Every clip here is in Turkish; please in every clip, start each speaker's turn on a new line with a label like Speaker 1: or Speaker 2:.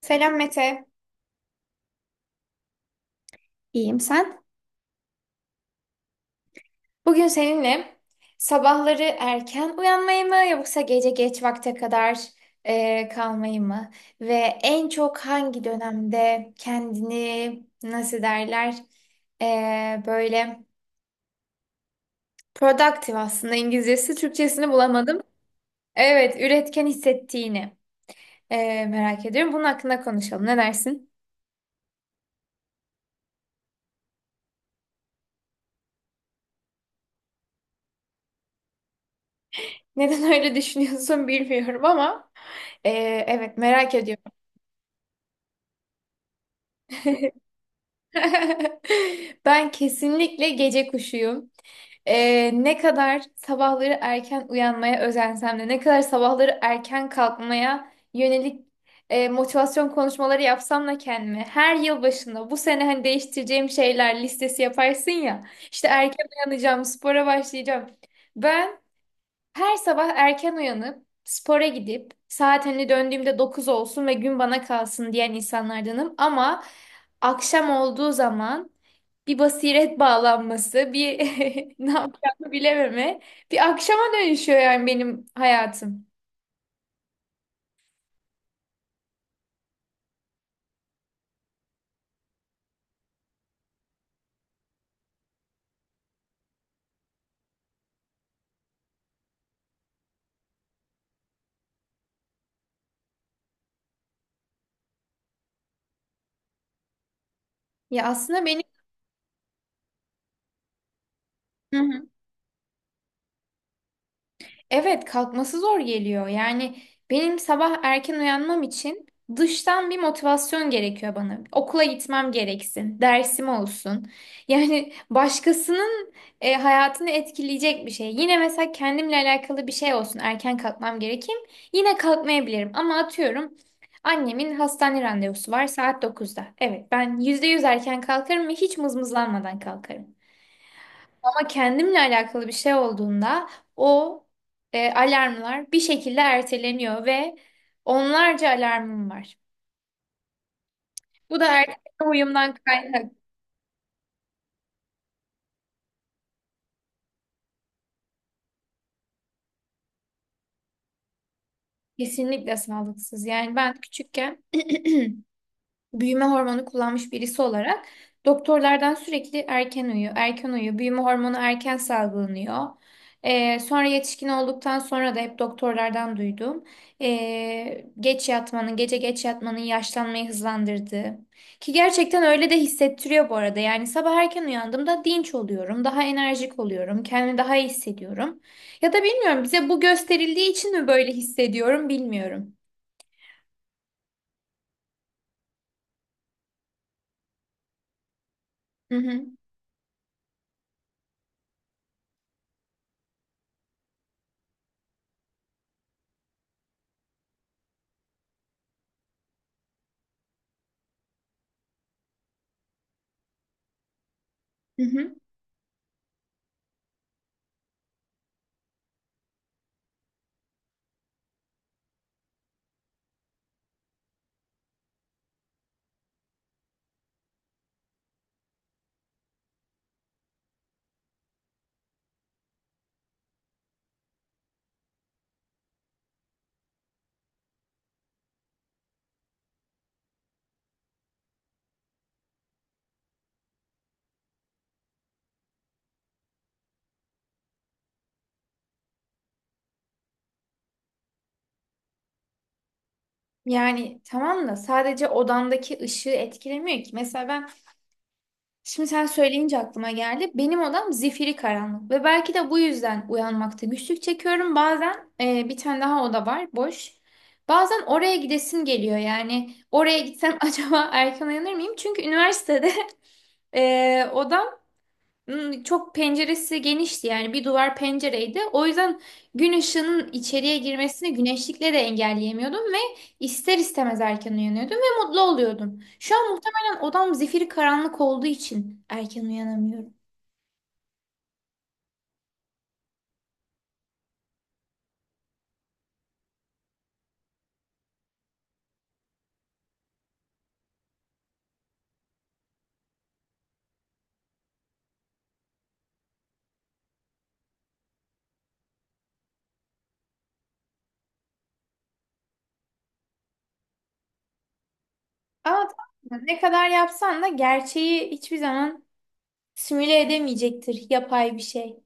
Speaker 1: Selam Mete. İyiyim sen? Bugün seninle sabahları erken uyanmayı mı yoksa gece geç vakte kadar kalmayı mı? Ve en çok hangi dönemde kendini nasıl derler böyle productive aslında İngilizcesi Türkçesini bulamadım. Evet üretken hissettiğini merak ediyorum. Bunun hakkında konuşalım ne dersin? Neden öyle düşünüyorsun bilmiyorum ama e, evet merak ediyorum. Ben kesinlikle gece kuşuyum. Ne kadar sabahları erken uyanmaya özensem de, ne kadar sabahları erken kalkmaya yönelik motivasyon konuşmaları yapsam da kendime, her yıl başında bu sene hani değiştireceğim şeyler listesi yaparsın ya, işte erken uyanacağım, spora başlayacağım. Ben her sabah erken uyanıp, spora gidip, saat hani döndüğümde 9 olsun ve gün bana kalsın diyen insanlardanım. Ama akşam olduğu zaman bir basiret bağlanması, bir ne yapacağımı bilememe, bir akşama dönüşüyor yani benim hayatım. Ya aslında benim evet, kalkması zor geliyor. Yani benim sabah erken uyanmam için dıştan bir motivasyon gerekiyor bana. Okula gitmem gereksin, dersim olsun. Yani başkasının hayatını etkileyecek bir şey. Yine mesela kendimle alakalı bir şey olsun, erken kalkmam gerekeyim. Yine kalkmayabilirim ama atıyorum annemin hastane randevusu var saat dokuzda. Evet, ben %100 erken kalkarım ve hiç mızmızlanmadan kalkarım. Ama kendimle alakalı bir şey olduğunda o alarmlar bir şekilde erteleniyor ve onlarca alarmım var. Bu da erteleme uyumdan kaynak. Kesinlikle sağlıksız. Yani ben küçükken büyüme hormonu kullanmış birisi olarak doktorlardan sürekli erken uyu, erken uyu, büyüme hormonu erken salgılanıyor. Sonra yetişkin olduktan sonra da hep doktorlardan duydum. Geç yatmanın, gece geç yatmanın yaşlanmayı hızlandırdığı. Ki gerçekten öyle de hissettiriyor bu arada. Yani sabah erken uyandığımda dinç oluyorum, daha enerjik oluyorum, kendimi daha iyi hissediyorum. Ya da bilmiyorum bize bu gösterildiği için mi böyle hissediyorum bilmiyorum. Hı hı. Hı hı. Yani tamam da sadece odandaki ışığı etkilemiyor ki. Mesela ben şimdi sen söyleyince aklıma geldi. Benim odam zifiri karanlık ve belki de bu yüzden uyanmakta güçlük çekiyorum. Bazen bir tane daha oda var boş. Bazen oraya gidesim geliyor yani oraya gitsem acaba erken uyanır mıyım? Çünkü üniversitede odam hmm, çok penceresi genişti yani bir duvar pencereydi. O yüzden gün ışığının içeriye girmesini güneşlikle de engelleyemiyordum ve ister istemez erken uyanıyordum ve mutlu oluyordum. Şu an muhtemelen odam zifiri karanlık olduğu için erken uyanamıyorum. Ama tamam, ne kadar yapsan da gerçeği hiçbir zaman simüle edemeyecektir yapay bir şey.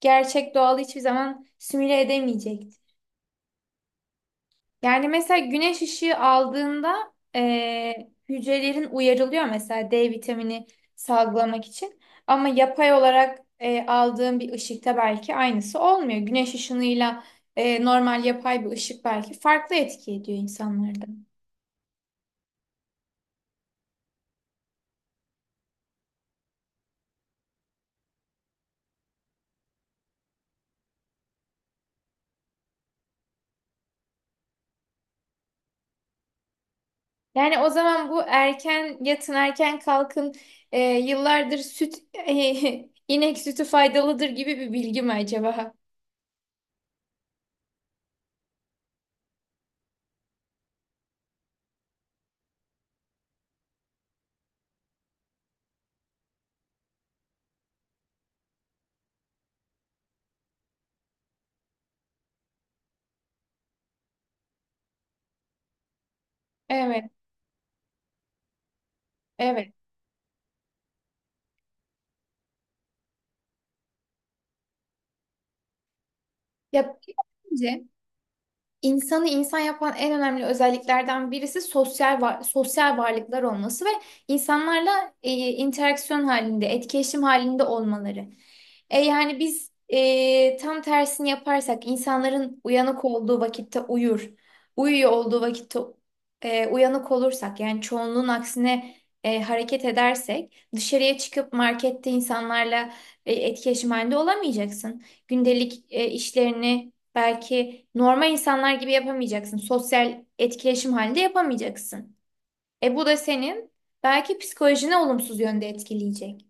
Speaker 1: Gerçek doğal hiçbir zaman simüle edemeyecektir. Yani mesela güneş ışığı aldığında hücrelerin uyarılıyor mesela D vitamini salgılamak için. Ama yapay olarak aldığın bir ışıkta belki aynısı olmuyor. Güneş ışınıyla normal yapay bir ışık belki farklı etki ediyor insanlarda. Yani o zaman bu erken yatın erken kalkın yıllardır süt inek sütü faydalıdır gibi bir bilgi mi acaba? Evet, evet. Ya, İnsanı insan yapan en önemli özelliklerden birisi sosyal var, sosyal varlıklar olması ve insanlarla interaksiyon halinde, etkileşim halinde olmaları. Yani biz tam tersini yaparsak insanların uyanık olduğu vakitte uyur, uyuyor olduğu vakitte uyanık olursak yani çoğunluğun aksine hareket edersek dışarıya çıkıp markette insanlarla etkileşim halinde olamayacaksın. Gündelik işlerini belki normal insanlar gibi yapamayacaksın. Sosyal etkileşim halinde yapamayacaksın. E bu da senin belki psikolojine olumsuz yönde etkileyecek.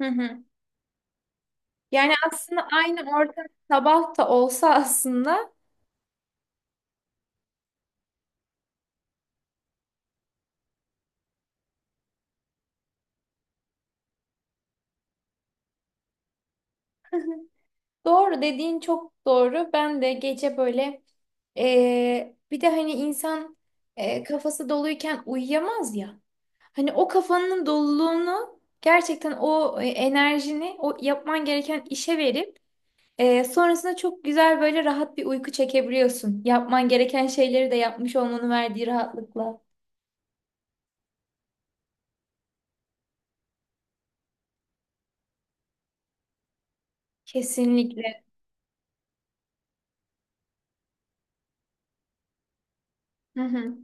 Speaker 1: Hı hı. Yani aslında aynı ortam sabah da olsa aslında doğru dediğin çok doğru. Ben de gece böyle bir de hani insan kafası doluyken uyuyamaz ya. Hani o kafanın doluluğunu gerçekten o enerjini o yapman gereken işe verip sonrasında çok güzel böyle rahat bir uyku çekebiliyorsun. Yapman gereken şeyleri de yapmış olmanın verdiği rahatlıkla. Kesinlikle. Hı hı.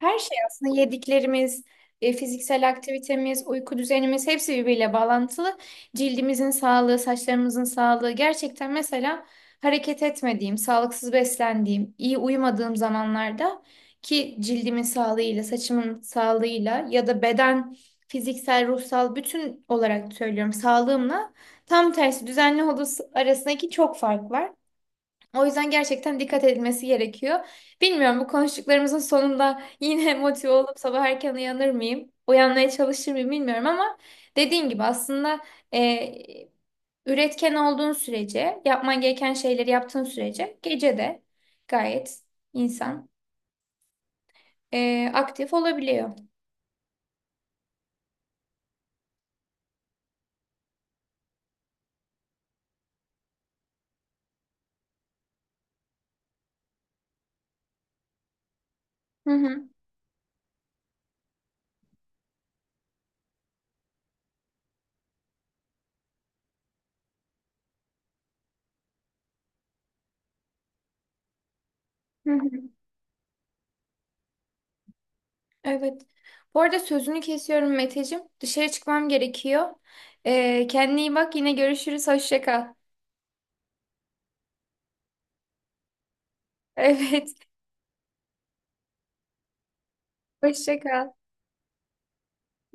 Speaker 1: Her şey aslında yediklerimiz, fiziksel aktivitemiz, uyku düzenimiz hepsi birbiriyle bağlantılı. Cildimizin sağlığı, saçlarımızın sağlığı. Gerçekten mesela hareket etmediğim, sağlıksız beslendiğim, iyi uyumadığım zamanlarda ki cildimin sağlığıyla, saçımın sağlığıyla ya da beden, fiziksel, ruhsal bütün olarak söylüyorum sağlığımla tam tersi düzenli olduğu arasındaki çok fark var. O yüzden gerçekten dikkat edilmesi gerekiyor. Bilmiyorum bu konuştuklarımızın sonunda yine motive olup sabah erken uyanır mıyım? Uyanmaya çalışır mıyım bilmiyorum ama dediğin gibi aslında e, üretken olduğun sürece, yapman gereken şeyleri yaptığın sürece gece de gayet insan aktif olabiliyor. Hı hı, hı hı. Evet. Bu arada sözünü kesiyorum Meteciğim. Dışarı çıkmam gerekiyor. Kendine iyi bak. Yine görüşürüz. Hoşça kal. Evet. Hoşça kal.